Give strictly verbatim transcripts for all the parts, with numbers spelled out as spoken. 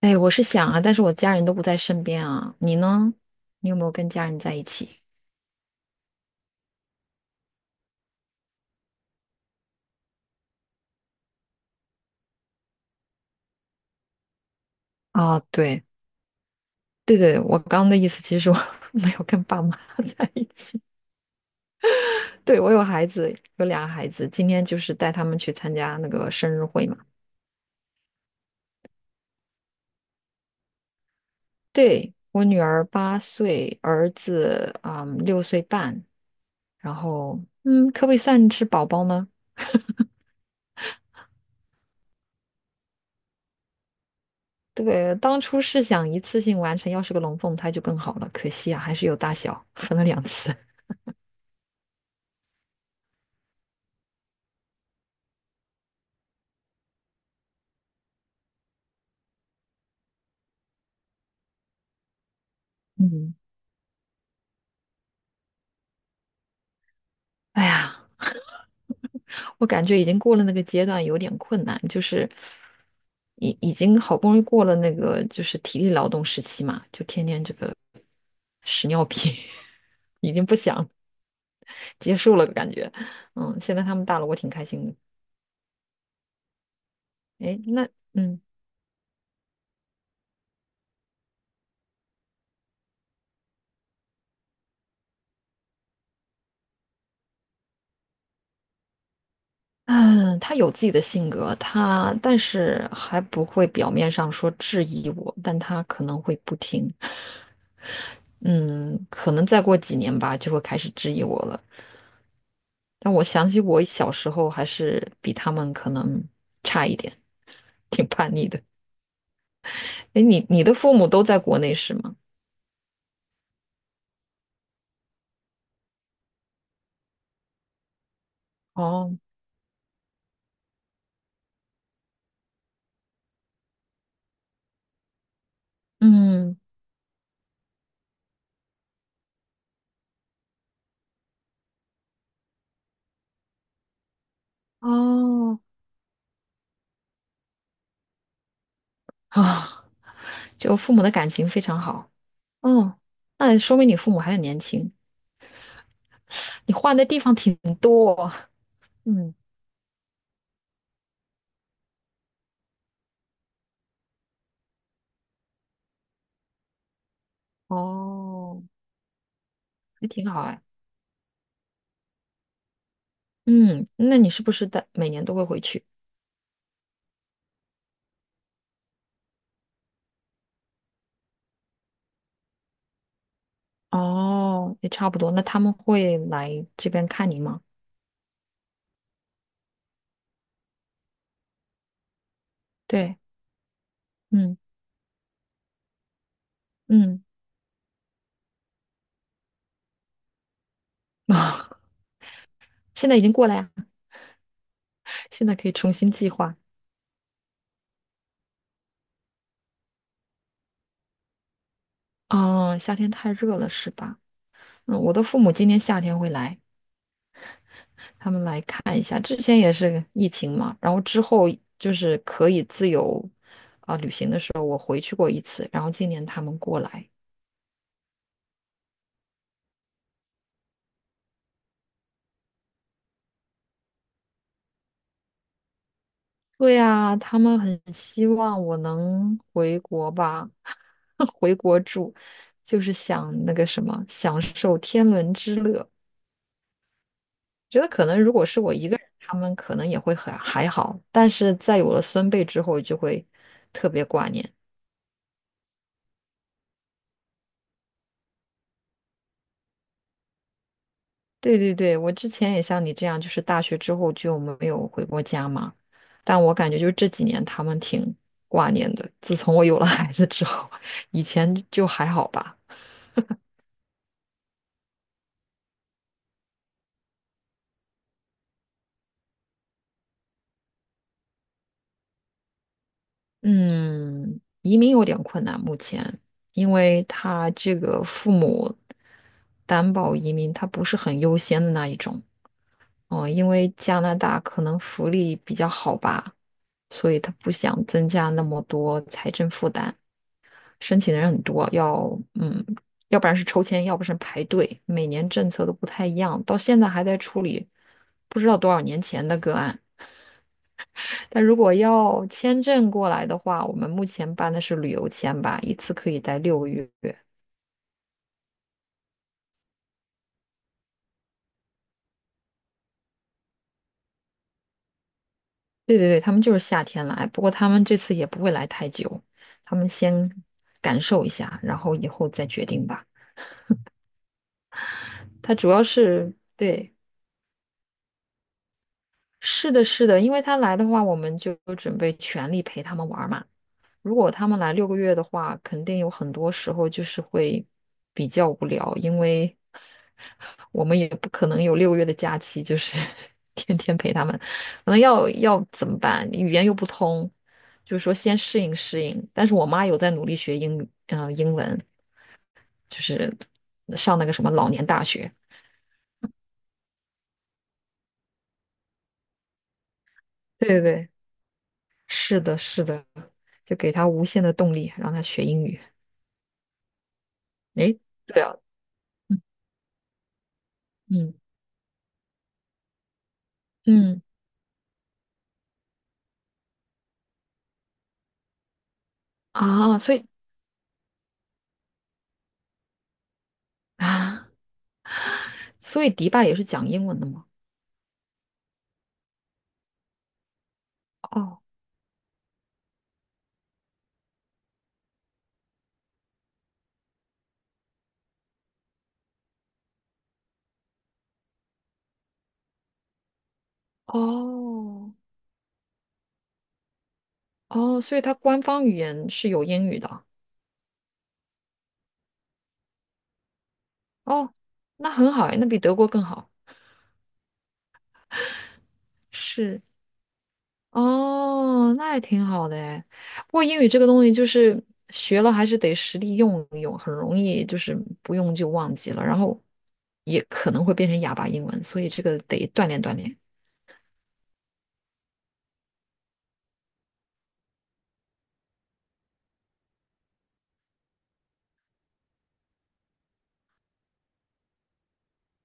哎，我是想啊，但是我家人都不在身边啊。你呢？你有没有跟家人在一起？啊，对对对，我刚刚的意思其实我 没有跟爸妈 在一起。对，我有孩子，有俩孩子，今天就是带他们去参加那个生日会嘛。对，我女儿八岁，儿子嗯六岁半，然后嗯，可不可以算是宝宝呢？对，当初是想一次性完成，要是个龙凤胎就更好了，可惜啊，还是有大小，分了两次。嗯，哎呀。我感觉已经过了那个阶段，有点困难，就是已已经好不容易过了那个就是体力劳动时期嘛，就天天这个屎尿屁 已经不想结束了，感觉，嗯，现在他们大了，我挺开心的。哎，那嗯嗯，他有自己的性格，他但是还不会表面上说质疑我，但他可能会不听，嗯，可能再过几年吧，就会开始质疑我了。但我想起我小时候还是比他们可能差一点，挺叛逆的。哎，你你的父母都在国内是吗？哦，嗯，哦，啊，就父母的感情非常好。哦，那说明你父母还很年轻，你换的地方挺多哦嗯，哦，也挺好哎。嗯，那你是不是在每年都会回去？哦，也差不多。那他们会来这边看你吗？对，嗯嗯。现在已经过来呀，现在可以重新计划。啊。夏天太热了是吧？嗯，我的父母今年夏天会来，他们来看一下。之前也是疫情嘛，然后之后就是可以自由啊、旅行的时候回去过一次，然后今年他们过来。对呀，他们很希望我能回国吧，回国住，就是想那个什么，享受天伦之乐。觉得可能如果是我一个人，他们可能也会很还好，但是在有了孙辈之后，就会特别挂念。对对对，我之前也像你这样，就是大学之后就没有回过家嘛，但我感觉就是这几年他们挺挂念的。自从我有了孩子之后，以前就还好吧。嗯，移民有点困难，目前，因为他这个父母担保移民，他不是很优先的那一种。哦，因为加拿大可能福利比较好吧，所以他不想增加那么多财政负担。申请的人很多，要嗯，要不然是抽签，要不是排队，每年政策都不太一样，到现在还在处理不知道多少年前的个案。但如果要签证过来的话，我们目前办的是旅游签吧，一次可以待六个月。对对对，他们就是夏天来，不过他们这次也不会来太久，他们先感受一下，然后以后再决定吧。他主要是对，是的，是的，因为他来的话，我们就准备全力陪他们玩儿嘛。如果他们来六个月的话，肯定有很多时候就是会比较无聊，因为 我们也不可能有六个月的假期，就是 天天陪他们，可能要要怎么办？语言又不通，就是说先适应适应。但是我妈有在努力学英语，呃，英文，就是上那个什么老年大学。对对对，是的，是的。就给他无限的动力，让他学英语。诶，对啊，嗯嗯嗯啊，所以啊，所以迪拜也是讲英文的吗？哦哦哦，所以它官方语言是有英语的。哦，那很好哎，那比德国更好。是哦，那也挺好的哎。不过英语这个东西就是学了还是得实地用一用，很容易就是不用就忘记了，然后也可能会变成哑巴英文，所以这个得锻炼锻炼。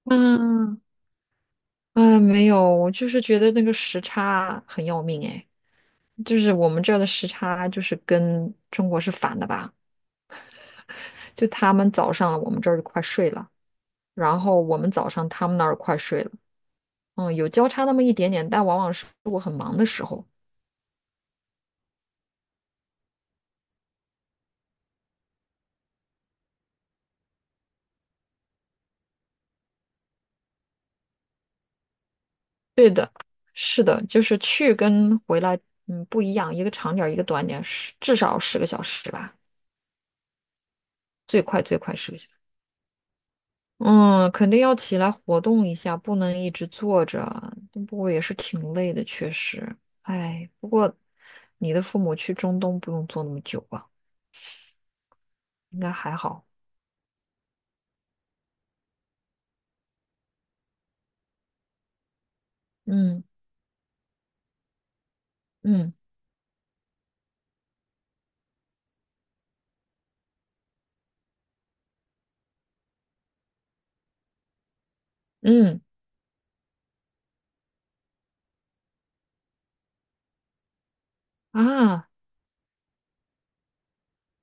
嗯嗯，没有，我就是觉得那个时差很要命哎，就是我们这儿的时差就是跟中国是反的吧？就他们早上我们这儿就快睡了，然后我们早上他们那儿快睡了，嗯，有交叉那么一点点，但往往是我很忙的时候。对的，是的，就是去跟回来，嗯，不一样，一个长点儿，一个短点儿，十至少十个小时吧，最快最快十个小时。嗯，肯定要起来活动一下，不能一直坐着啊。不过也是挺累的，确实。哎，不过你的父母去中东不用坐那么久吧？应该还好。嗯嗯嗯啊，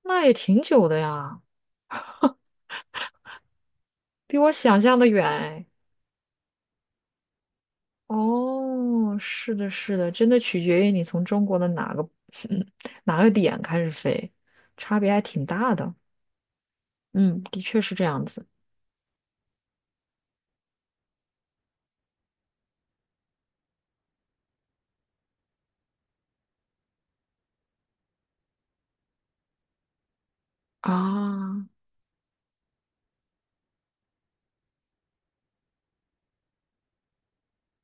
那也挺久的呀，比我想象的远哎。哦，是的，是的，真的取决于你从中国的哪个 哪个点开始飞，差别还挺大的。嗯，的确是这样子啊。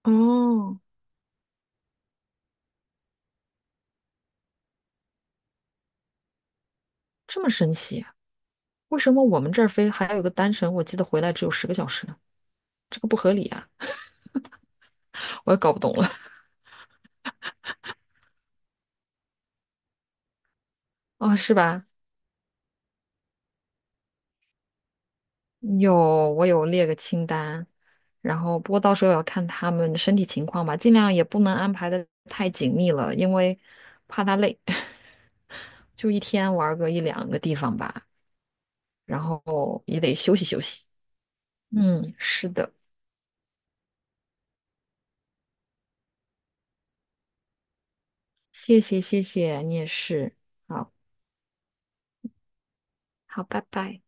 哦，这么神奇。为什么我们这儿飞还有一个单程，我记得回来只有十个小时呢？这个不合理啊，我也搞不懂了。哦，是吧？有，我有列个清单，然后不过到时候也要看他们身体情况吧，尽量也不能安排的太紧密了，因为怕他累，就一天玩个一两个地方吧，然后也得休息休息。嗯，是的，谢谢谢谢，你也是。好，好，拜拜。